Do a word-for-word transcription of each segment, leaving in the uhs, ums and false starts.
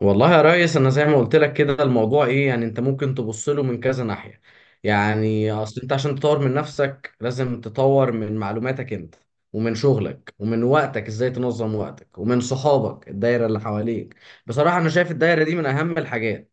والله يا ريس، انا زي ما قلت لك كده، الموضوع ايه؟ يعني انت ممكن تبص له من كذا ناحية. يعني اصل انت عشان تطور من نفسك لازم تطور من معلوماتك انت، ومن شغلك، ومن وقتك ازاي تنظم وقتك، ومن صحابك الدايرة اللي حواليك. بصراحة انا شايف الدايرة دي من اهم الحاجات.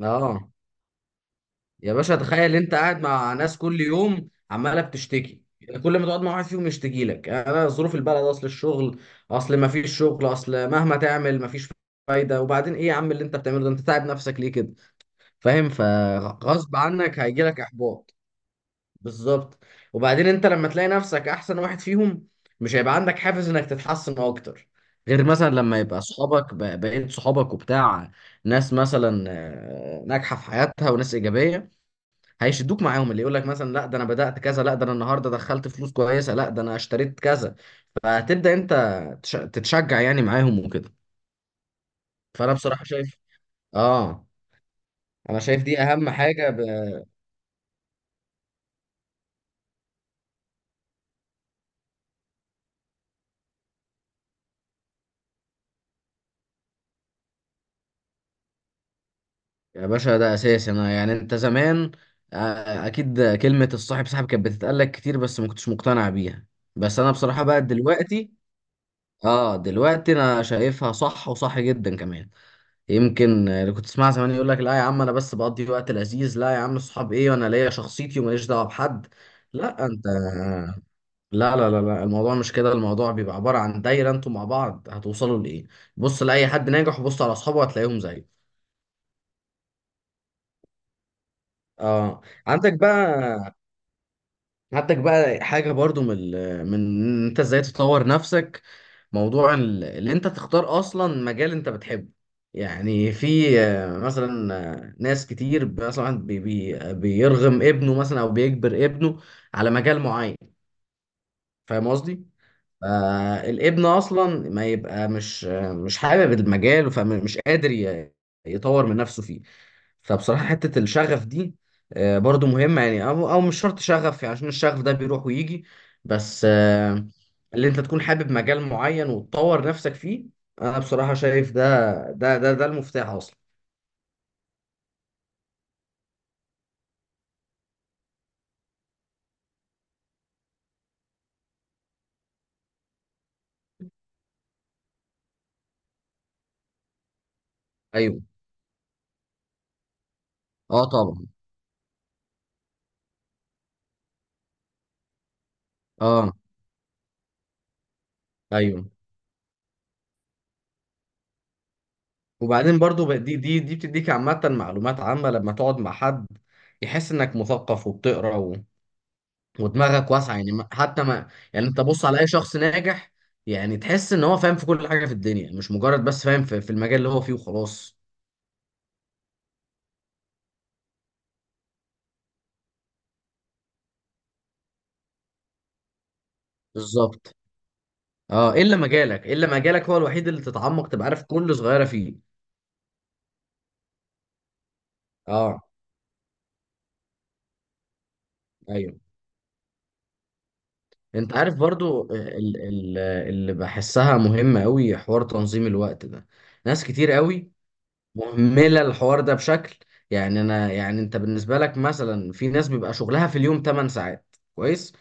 اه، يا باشا، تخيل انت قاعد مع ناس كل يوم عماله بتشتكي، يعني كل ما تقعد مع واحد فيهم يشتكي لك يعني انا ظروف البلد، اصل الشغل، اصل ما فيش شغل، اصل مهما تعمل ما فيش فايده. وبعدين ايه يا عم اللي انت بتعمله ده؟ انت تعب نفسك ليه كده؟ فاهم؟ فغصب عنك هيجي لك احباط. بالظبط. وبعدين انت لما تلاقي نفسك احسن واحد فيهم مش هيبقى عندك حافز انك تتحسن اكتر، غير مثلا لما يبقى صحابك، بقيت صحابك وبتاع ناس مثلا آه، ناجحه في حياتها وناس ايجابيه، هيشدوك معاهم. اللي يقول لك مثلا لا ده انا بدأت كذا، لا ده انا النهارده دخلت فلوس كويسه، لا ده انا اشتريت كذا، فهتبدأ انت تش- تتشجع يعني معاهم وكده. فانا بصراحه شايف، اه، انا شايف دي اهم حاجه ب... يا باشا ده اساسي. انا يعني انت زمان آه، اكيد كلمه الصاحب سحب كانت بتتقال لك كتير بس ما كنتش مقتنع بيها. بس انا بصراحه بقى دلوقتي، اه دلوقتي، انا شايفها صح وصح جدا كمان. يمكن اللي كنت تسمع زمان يقول لك لا يا عم انا بس بقضي وقت لذيذ، لا يا عم الصحاب ايه، وانا ليا شخصيتي وماليش دعوه بحد. لا انت، لا لا لا لا، الموضوع مش كده. الموضوع بيبقى عباره عن دايره، انتوا مع بعض هتوصلوا لايه؟ بص لاي حد ناجح وبص على اصحابه هتلاقيهم زيه. اه. عندك بقى عندك بقى حاجه برضو من ال- من إن انت ازاي تطور نفسك. موضوع ال- اللي انت تختار اصلا مجال انت بتحبه. يعني في آه، مثلا آه، ناس كتير مثلا بي بي آه، بيرغم ابنه مثلا او بيجبر ابنه على مجال معين. فاهم قصدي؟ آه، الابن اصلا ما يبقى مش آه، مش حابب المجال، فمش قادر ي- يطور من نفسه فيه. فبصراحة حتة الشغف دي آه، برضو مهمة يعني، أو, أو مش شرط شغف يعني، عشان الشغف ده بيروح ويجي. بس آه، اللي أنت تكون حابب مجال معين وتطور نفسك فيه، أنا بصراحة شايف ده ده ده ده المفتاح أصلا. أيوه. أه طبعا. أه أيوه. وبعدين برضو ب- دي دي دي بتديك عامة، معلومات عامة، لما تقعد مع حد يحس إنك مثقف وبتقرأ ودماغك واسعه. يعني ما- حتى ما يعني، انت بص على اي شخص ناجح، يعني تحس ان هو فاهم في كل حاجه في الدنيا، مش مجرد بس فاهم في, في المجال اللي هو فيه وخلاص. بالظبط. اه، الا مجالك الا مجالك هو الوحيد اللي تتعمق تبقى عارف كل صغيره فيه. اه. ايوه. انت عارف برضو ال- ال- اللي بحسها مهمه قوي، حوار تنظيم الوقت ده. ناس كتير قوي مهمله الحوار ده بشكل. يعني انا، يعني انت بالنسبه لك مثلا، في ناس بيبقى شغلها في اليوم ثمان ساعات كويس،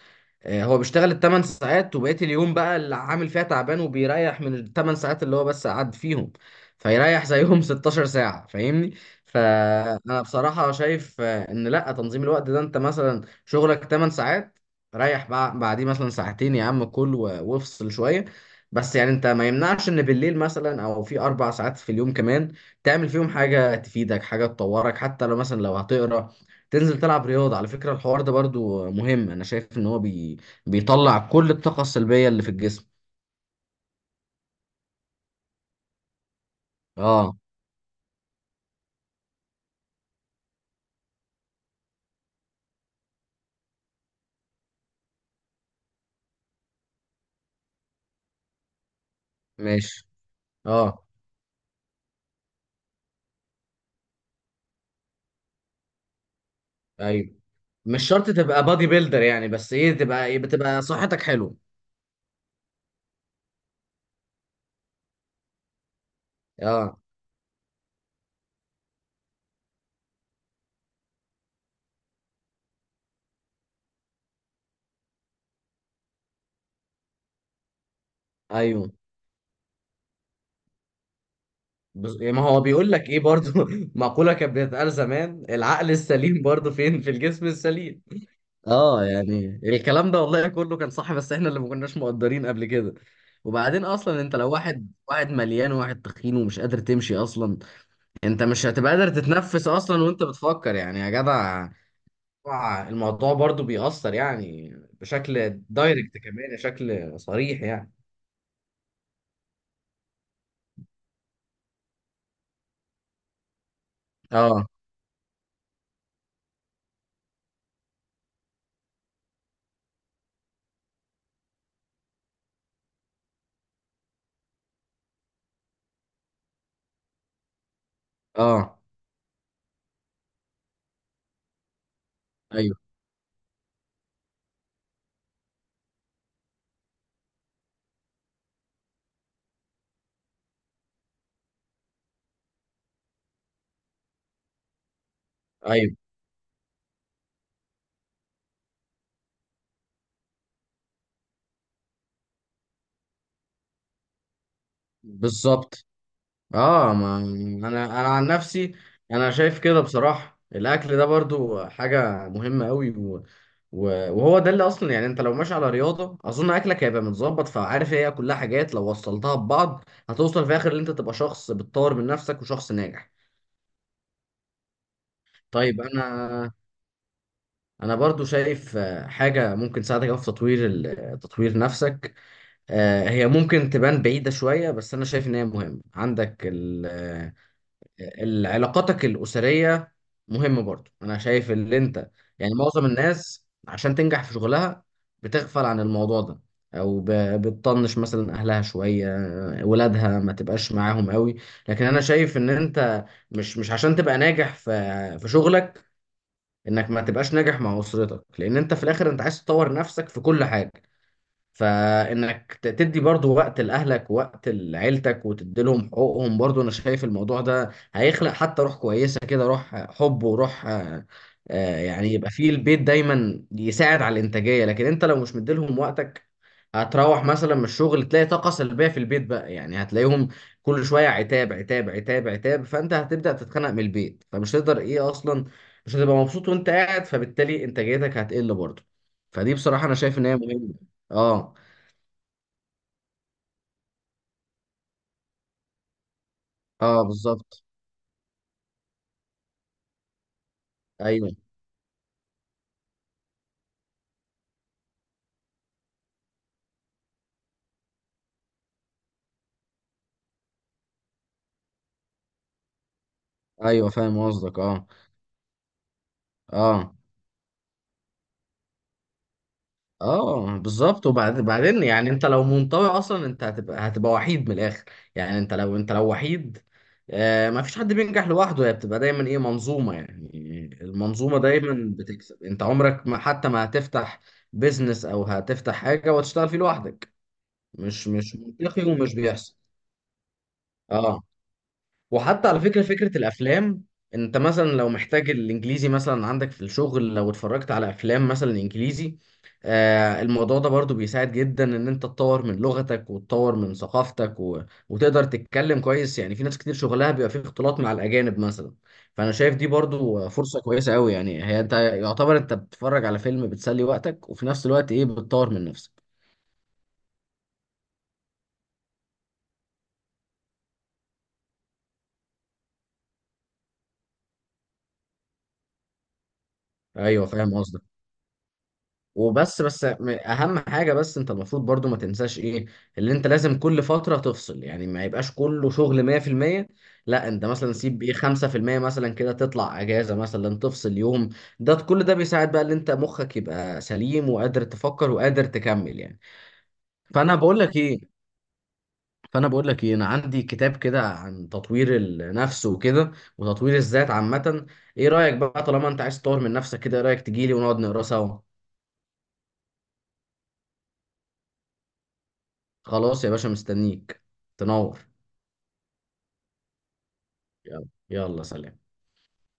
آه، هو بيشتغل الثمان ساعات، وبقية اليوم بقى اللي عامل فيها تعبان، وبيريح من الثمان ساعات اللي هو بس قعد فيهم. فيريح زيهم ستاشر ساعة، فاهمني؟ فأنا بصراحة شايف آه، إن لأ، تنظيم الوقت ده، أنت مثلا شغلك ثمان ساعات، ريح بع- بعديه مثلا ساعتين يا عم، كل و- وافصل شوية، بس يعني أنت ما يمنعش إن بالليل مثلا، أو في أربع ساعات في اليوم كمان، تعمل فيهم حاجة تفيدك، حاجة تطورك. حتى لو مثلا لو هتقرأ، تنزل تلعب رياضة، على فكرة الحوار ده برضو مهم. أنا شايف إن هو بي، بيطلع كل الطاقة السلبية اللي في الجسم. اه. ماشي. اه. ايوه. مش شرط تبقى بادي بيلدر يعني، بس ايه، تبقى ايه، بتبقى صحتك حلوه. اه. ايوه. بس يعني ما هو بيقول لك ايه برضو، مقولة كانت بتتقال زمان، العقل السليم برضو فين؟ في الجسم السليم. اه، يعني الكلام ده والله كله كان صح، بس احنا اللي ما كناش مقدرين قبل كده. وبعدين اصلا انت لو واحد، واحد مليان وواحد تخين ومش قادر تمشي اصلا، انت مش هتبقى قادر تتنفس اصلا وانت بتفكر، يعني يا جدع. طبعاً الموضوع برضو بيأثر يعني، بشكل دايركت كمان، بشكل صريح يعني. اه. اه. ايوه. ايوه. بالظبط. اه. ما انا انا عن نفسي، انا شايف كده بصراحة الاكل ده برضو حاجة مهمة قوي، و... و... وهو ده اللي اصلا. يعني انت لو ماشي على رياضة، اظن اكلك هيبقى متظبط. فعارف، هي كلها حاجات لو وصلتها ببعض هتوصل في الاخر ان انت تبقى شخص بتطور من نفسك وشخص ناجح. طيب انا انا برضو شايف آه، حاجه ممكن تساعدك أوي في تطوير ال- تطوير نفسك. آه، هي ممكن تبان بعيده شويه، بس انا شايف ان هي مهمه عندك ال- آه، ال- علاقاتك الاسريه مهمه برضو. انا شايف ان انت، يعني معظم الناس عشان تنجح في شغلها بتغفل عن الموضوع ده، او ب- بتطنش مثلا اهلها شويه، آه، ولادها ما تبقاش معاهم قوي. لكن انا شايف ان انت، مش مش عشان تبقى ناجح في في شغلك انك ما تبقاش ناجح مع اسرتك. لان انت في الاخر انت عايز تطور نفسك في كل حاجه، فانك ت- تدي برضو وقت لاهلك ووقت لعيلتك وتديلهم حقوقهم. برضو انا شايف الموضوع ده هيخلق حتى روح كويسه كده، روح حب وروح آه، آه، يعني، يبقى فيه البيت دايما يساعد على الانتاجيه. لكن انت لو مش مديلهم وقتك، هتروح مثلا من الشغل تلاقي طاقه سلبيه في البيت بقى، يعني هتلاقيهم كل شويه عتاب عتاب عتاب عتاب، فانت هتبدا تتخنق من البيت، فمش هتقدر ايه اصلا، مش هتبقى مبسوط وانت قاعد، فبالتالي انتاجيتك هتقل برضو. فدي بصراحه انا شايف ان هي مهمه. اه. اه. بالظبط. ايوه. ايوه فاهم قصدك. اه. اه. اه بالظبط. وبعدين بعدين يعني انت لو منطوي اصلا، انت هتبقى هتبقى وحيد من الاخر. يعني انت لو، انت لو وحيد، آه ما فيش حد بينجح لوحده. هي بتبقى دايما ايه، منظومه يعني. المنظومه دايما بتكسب. انت عمرك ما، حتى ما هتفتح بيزنس او هتفتح حاجه وتشتغل فيه لوحدك، مش مش منطقي ومش بيحصل. اه. وحتى على فكرة، فكرة الأفلام، أنت مثلا لو محتاج الإنجليزي مثلا عندك في الشغل، لو اتفرجت على أفلام مثلا إنجليزي، آه الموضوع ده برضو بيساعد جدا إن أنت تطور من لغتك وتطور من ثقافتك، و... وتقدر تتكلم كويس. يعني في ناس كتير شغلها بيبقى فيه اختلاط مع الأجانب مثلا، فأنا شايف دي برضو فرصة كويسة أوي. يعني هي أنت يعتبر أنت بتتفرج على فيلم، بتسلي وقتك وفي نفس الوقت إيه، بتطور من نفسك. أيوه فاهم قصدك. وبس، بس م- اهم حاجه بس، انت المفروض برضو ما تنساش ايه، اللي انت لازم كل فتره تفصل، يعني ما يبقاش كله شغل مية في المية، لا انت مثلا سيب ايه، خمسة في المية مثلا كده، تطلع اجازه مثلا، تفصل يوم. ده كل ده بيساعد بقى ان انت مخك يبقى سليم وقادر تفكر وقادر تكمل يعني. فانا بقول لك ايه فانا بقول لك ايه، انا عندي كتاب كده عن تطوير النفس وكده، وتطوير الذات عامه. ايه رايك بقى، طالما انت عايز تطور من نفسك كده، ايه رايك تجيلي ونقعد نقرا سوا؟ خلاص يا باشا، مستنيك، تنور. يلا يلا، سلام.